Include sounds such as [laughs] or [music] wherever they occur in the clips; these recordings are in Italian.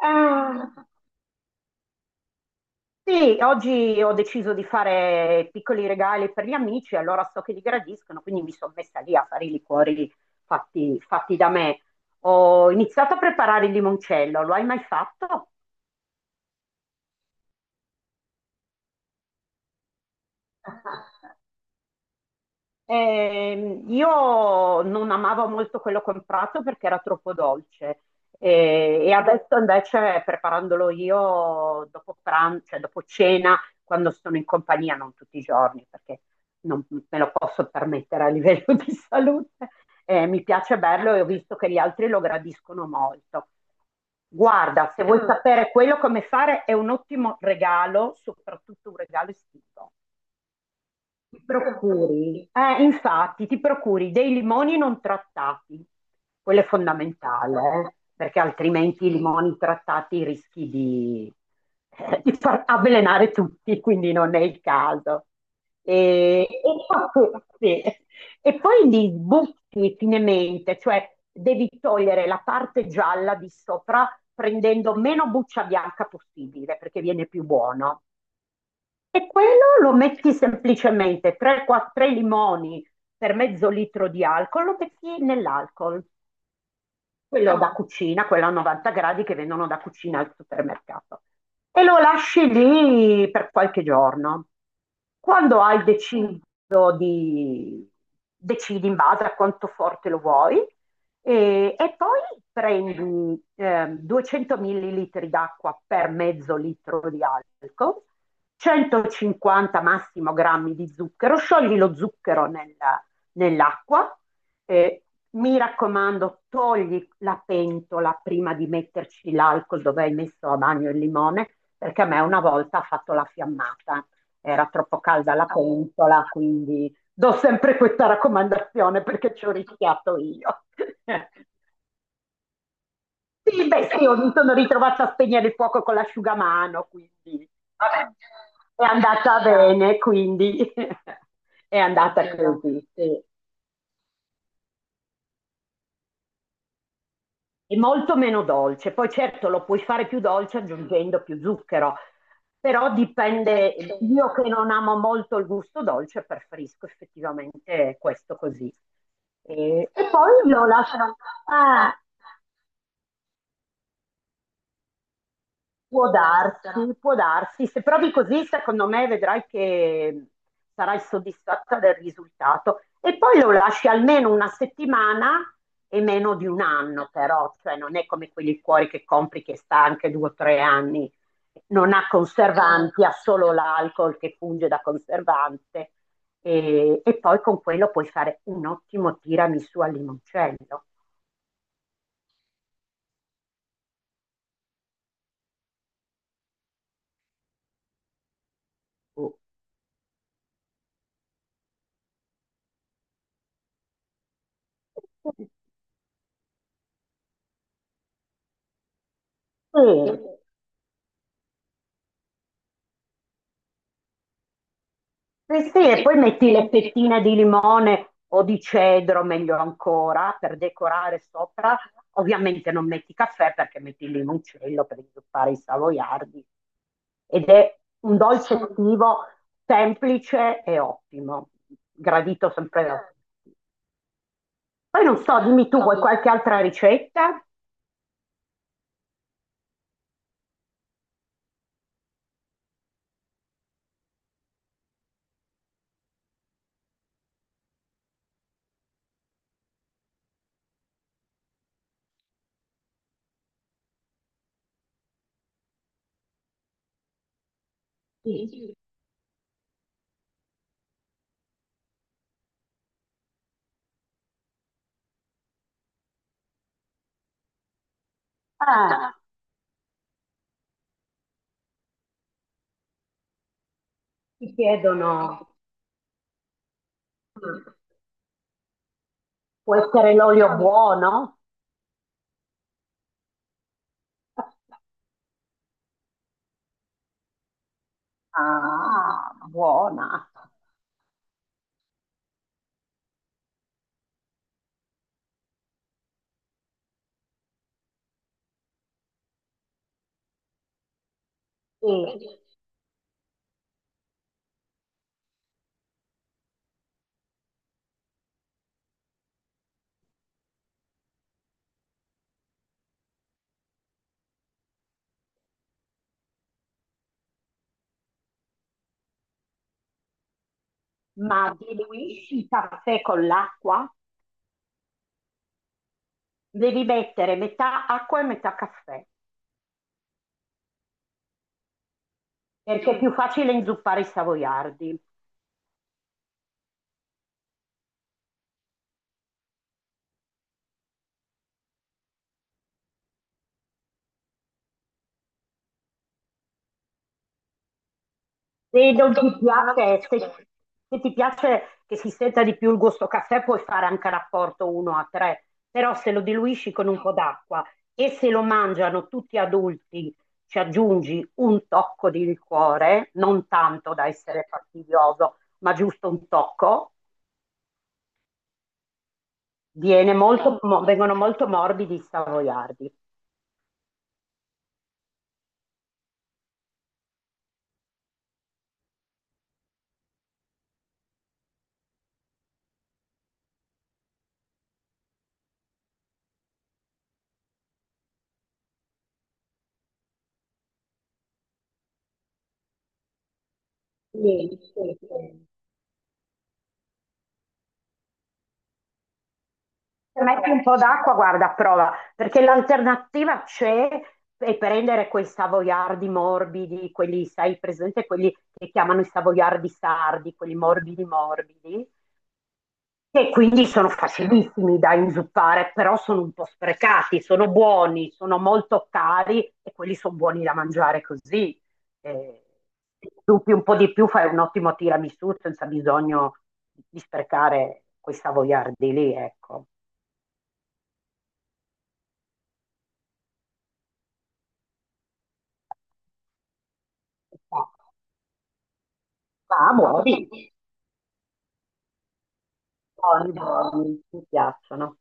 Eh, sì, oggi ho deciso di fare piccoli regali per gli amici, allora so che li gradiscono, quindi mi sono messa lì a fare i liquori fatti, fatti da me. Ho iniziato a preparare il limoncello, lo hai mai fatto? [laughs] Io non amavo molto quello comprato perché era troppo dolce e adesso invece preparandolo io dopo pranzo, cioè dopo cena, quando sono in compagnia, non tutti i giorni perché non me lo posso permettere a livello [laughs] di salute, mi piace berlo e ho visto che gli altri lo gradiscono molto. Guarda, se vuoi sapere quello come fare, è un ottimo regalo, soprattutto un regalo estivo. Ti procuri, infatti, ti procuri dei limoni non trattati, quello è fondamentale, perché altrimenti i limoni trattati rischi di far avvelenare tutti, quindi non è il caso. E poi, sì, e poi li butti finemente, cioè devi togliere la parte gialla di sopra prendendo meno buccia bianca possibile, perché viene più buono. E quello lo metti semplicemente 3-4 limoni per mezzo litro di alcol, lo metti nell'alcol quello da cucina, quello a 90 gradi che vendono da cucina al supermercato. E lo lasci lì per qualche giorno. Quando hai deciso di, decidi in base a quanto forte lo vuoi, e poi prendi 200 millilitri d'acqua per mezzo litro di alcol, 150 massimo grammi di zucchero, sciogli lo zucchero nell'acqua, eh, mi raccomando, togli la pentola prima di metterci l'alcol dove hai messo a bagno il limone, perché a me una volta ha fatto la fiammata, era troppo calda la pentola, quindi do sempre questa raccomandazione perché ci ho rischiato io. [laughs] Sì, beh, sì, io mi sono ritrovata a spegnere il fuoco con l'asciugamano, quindi vabbè, è andata bene, quindi [laughs] è andata così, sì. È molto meno dolce. Poi certo lo puoi fare più dolce aggiungendo più zucchero, però dipende. Io che non amo molto il gusto dolce, preferisco effettivamente questo così. E poi lo lascio. Ah. Può darsi. Se provi così, secondo me vedrai che sarai soddisfatta del risultato. E poi lo lasci almeno una settimana e meno di un anno, però, cioè non è come quei liquori che compri che sta anche due o tre anni. Non ha, chiaro, conservanti, ha solo l'alcol che funge da conservante. E poi con quello puoi fare un ottimo tiramisù al limoncello. Oh. Sì. Sì, sì, e poi metti le fettine di limone o di cedro, meglio ancora, per decorare sopra. Ovviamente non metti caffè perché metti il limoncello per inzuppare i savoiardi. Ed è un dolce estivo semplice e ottimo, gradito sempre da tutti. Poi non so, dimmi tu, vuoi qualche altra ricetta? Ah, ti chiedono, può essere l'olio buono? Ah, buona. Sì. Ma diluisci il caffè con l'acqua, devi mettere metà acqua e metà caffè, perché è più facile inzuppare i savoiardi. Se non ti piace, se ti piace che si senta di più il gusto caffè, puoi fare anche rapporto 1 a 3, però se lo diluisci con un po' d'acqua e se lo mangiano tutti adulti, ci aggiungi un tocco di liquore, non tanto da essere fastidioso, ma giusto un tocco. Vengono molto morbidi i savoiardi. Se metti un po' d'acqua, guarda, a prova, perché l'alternativa c'è, è prendere quei savoiardi morbidi, quelli, sai, presente, quelli che chiamano i savoiardi sardi, quelli morbidi morbidi, e quindi sono facilissimi da inzuppare, però sono un po' sprecati, sono buoni, sono molto cari e quelli sono buoni da mangiare così. Eh, Se zuppi un po' di più, fai un ottimo tiramisù senza bisogno di sprecare quei savoiardi lì, ecco. Ma, ma buoni, buoni, buoni, mi piacciono.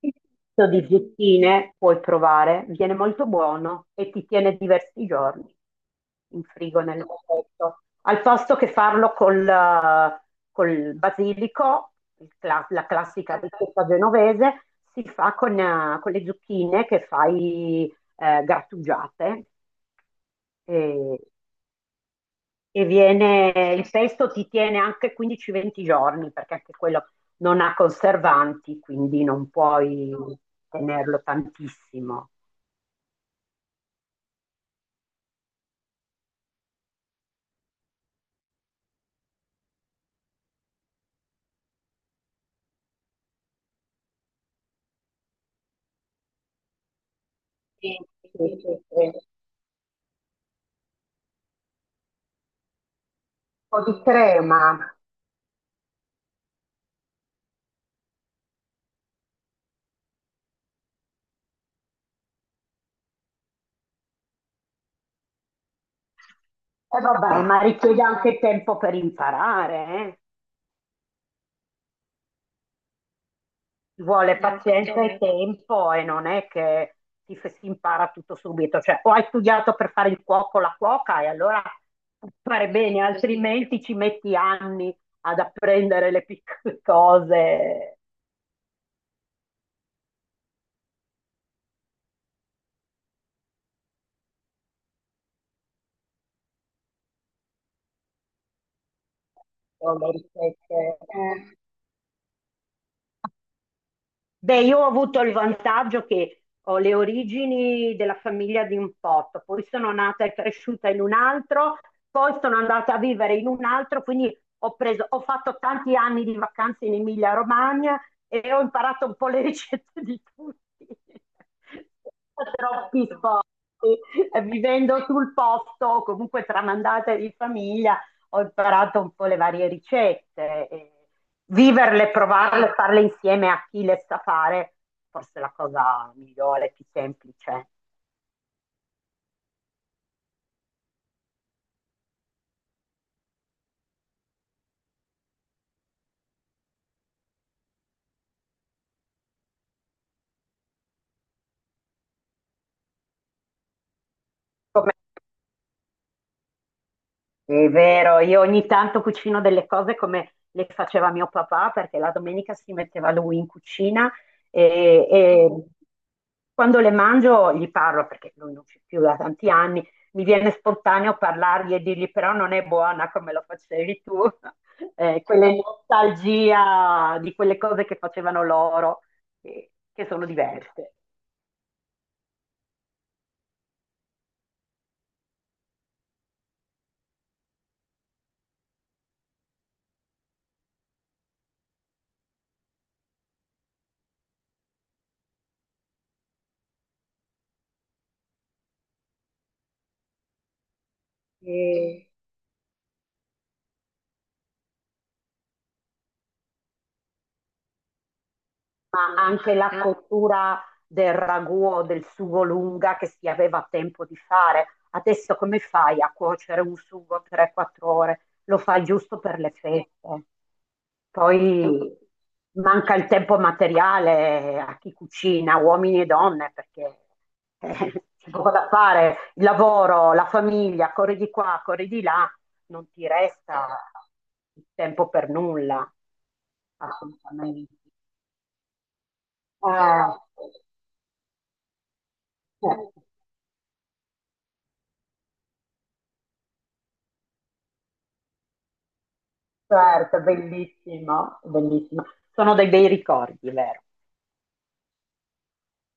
Il pesto di zucchine puoi provare, viene molto buono e ti tiene diversi giorni in frigo nel vasetto. Al posto che farlo col basilico, la classica ricetta genovese, si fa con le zucchine che fai grattugiate. E e viene, il pesto ti tiene anche 15-20 giorni perché anche quello non ha conservanti, quindi non puoi tenerlo tantissimo. Sì, sì, sì, sì. Un po' di crema. E vabbè, ma richiede anche tempo per imparare, eh. Vuole devo pazienza e sapere. Tempo e non è che si impara tutto subito, cioè o hai studiato per fare il cuoco o la cuoca e allora fare bene, altrimenti ci metti anni ad apprendere le piccole [laughs] cose o le ricette. Beh, io ho avuto il vantaggio che ho le origini della famiglia poi sono nata e cresciuta in un altro, poi sono andata a vivere in un altro, quindi ho fatto tanti anni di vacanze in Emilia-Romagna e ho imparato un po' le [laughs] ricette di tutti. [laughs] Troppi sposti, vivendo sul posto, comunque tramandata di famiglia ho imparato un po' le varie ricette, e viverle, provarle, farle insieme a chi le sa fare, forse è la cosa migliore, più semplice. Come È vero, io ogni tanto cucino delle cose come le faceva mio papà, perché la domenica si metteva lui in cucina e quando le mangio gli parlo, perché lui non c'è più da tanti anni, mi viene spontaneo parlargli e dirgli però non è buona come lo facevi tu. [laughs] Quella nostalgia di quelle cose che facevano loro, che sono diverse. Ma anche la cottura del ragù o del sugo lunga che si aveva tempo di fare. Adesso come fai a cuocere un sugo 3-4 ore? Lo fai giusto per le feste. Poi manca il tempo materiale a chi cucina, uomini e donne, perché [laughs] c'è poco da fare, il lavoro, la famiglia, corri di qua, corri di là, non ti resta il tempo per nulla, assolutamente. Eh, Eh, certo, bellissimo, bellissimo. Sono dei bei ricordi, vero?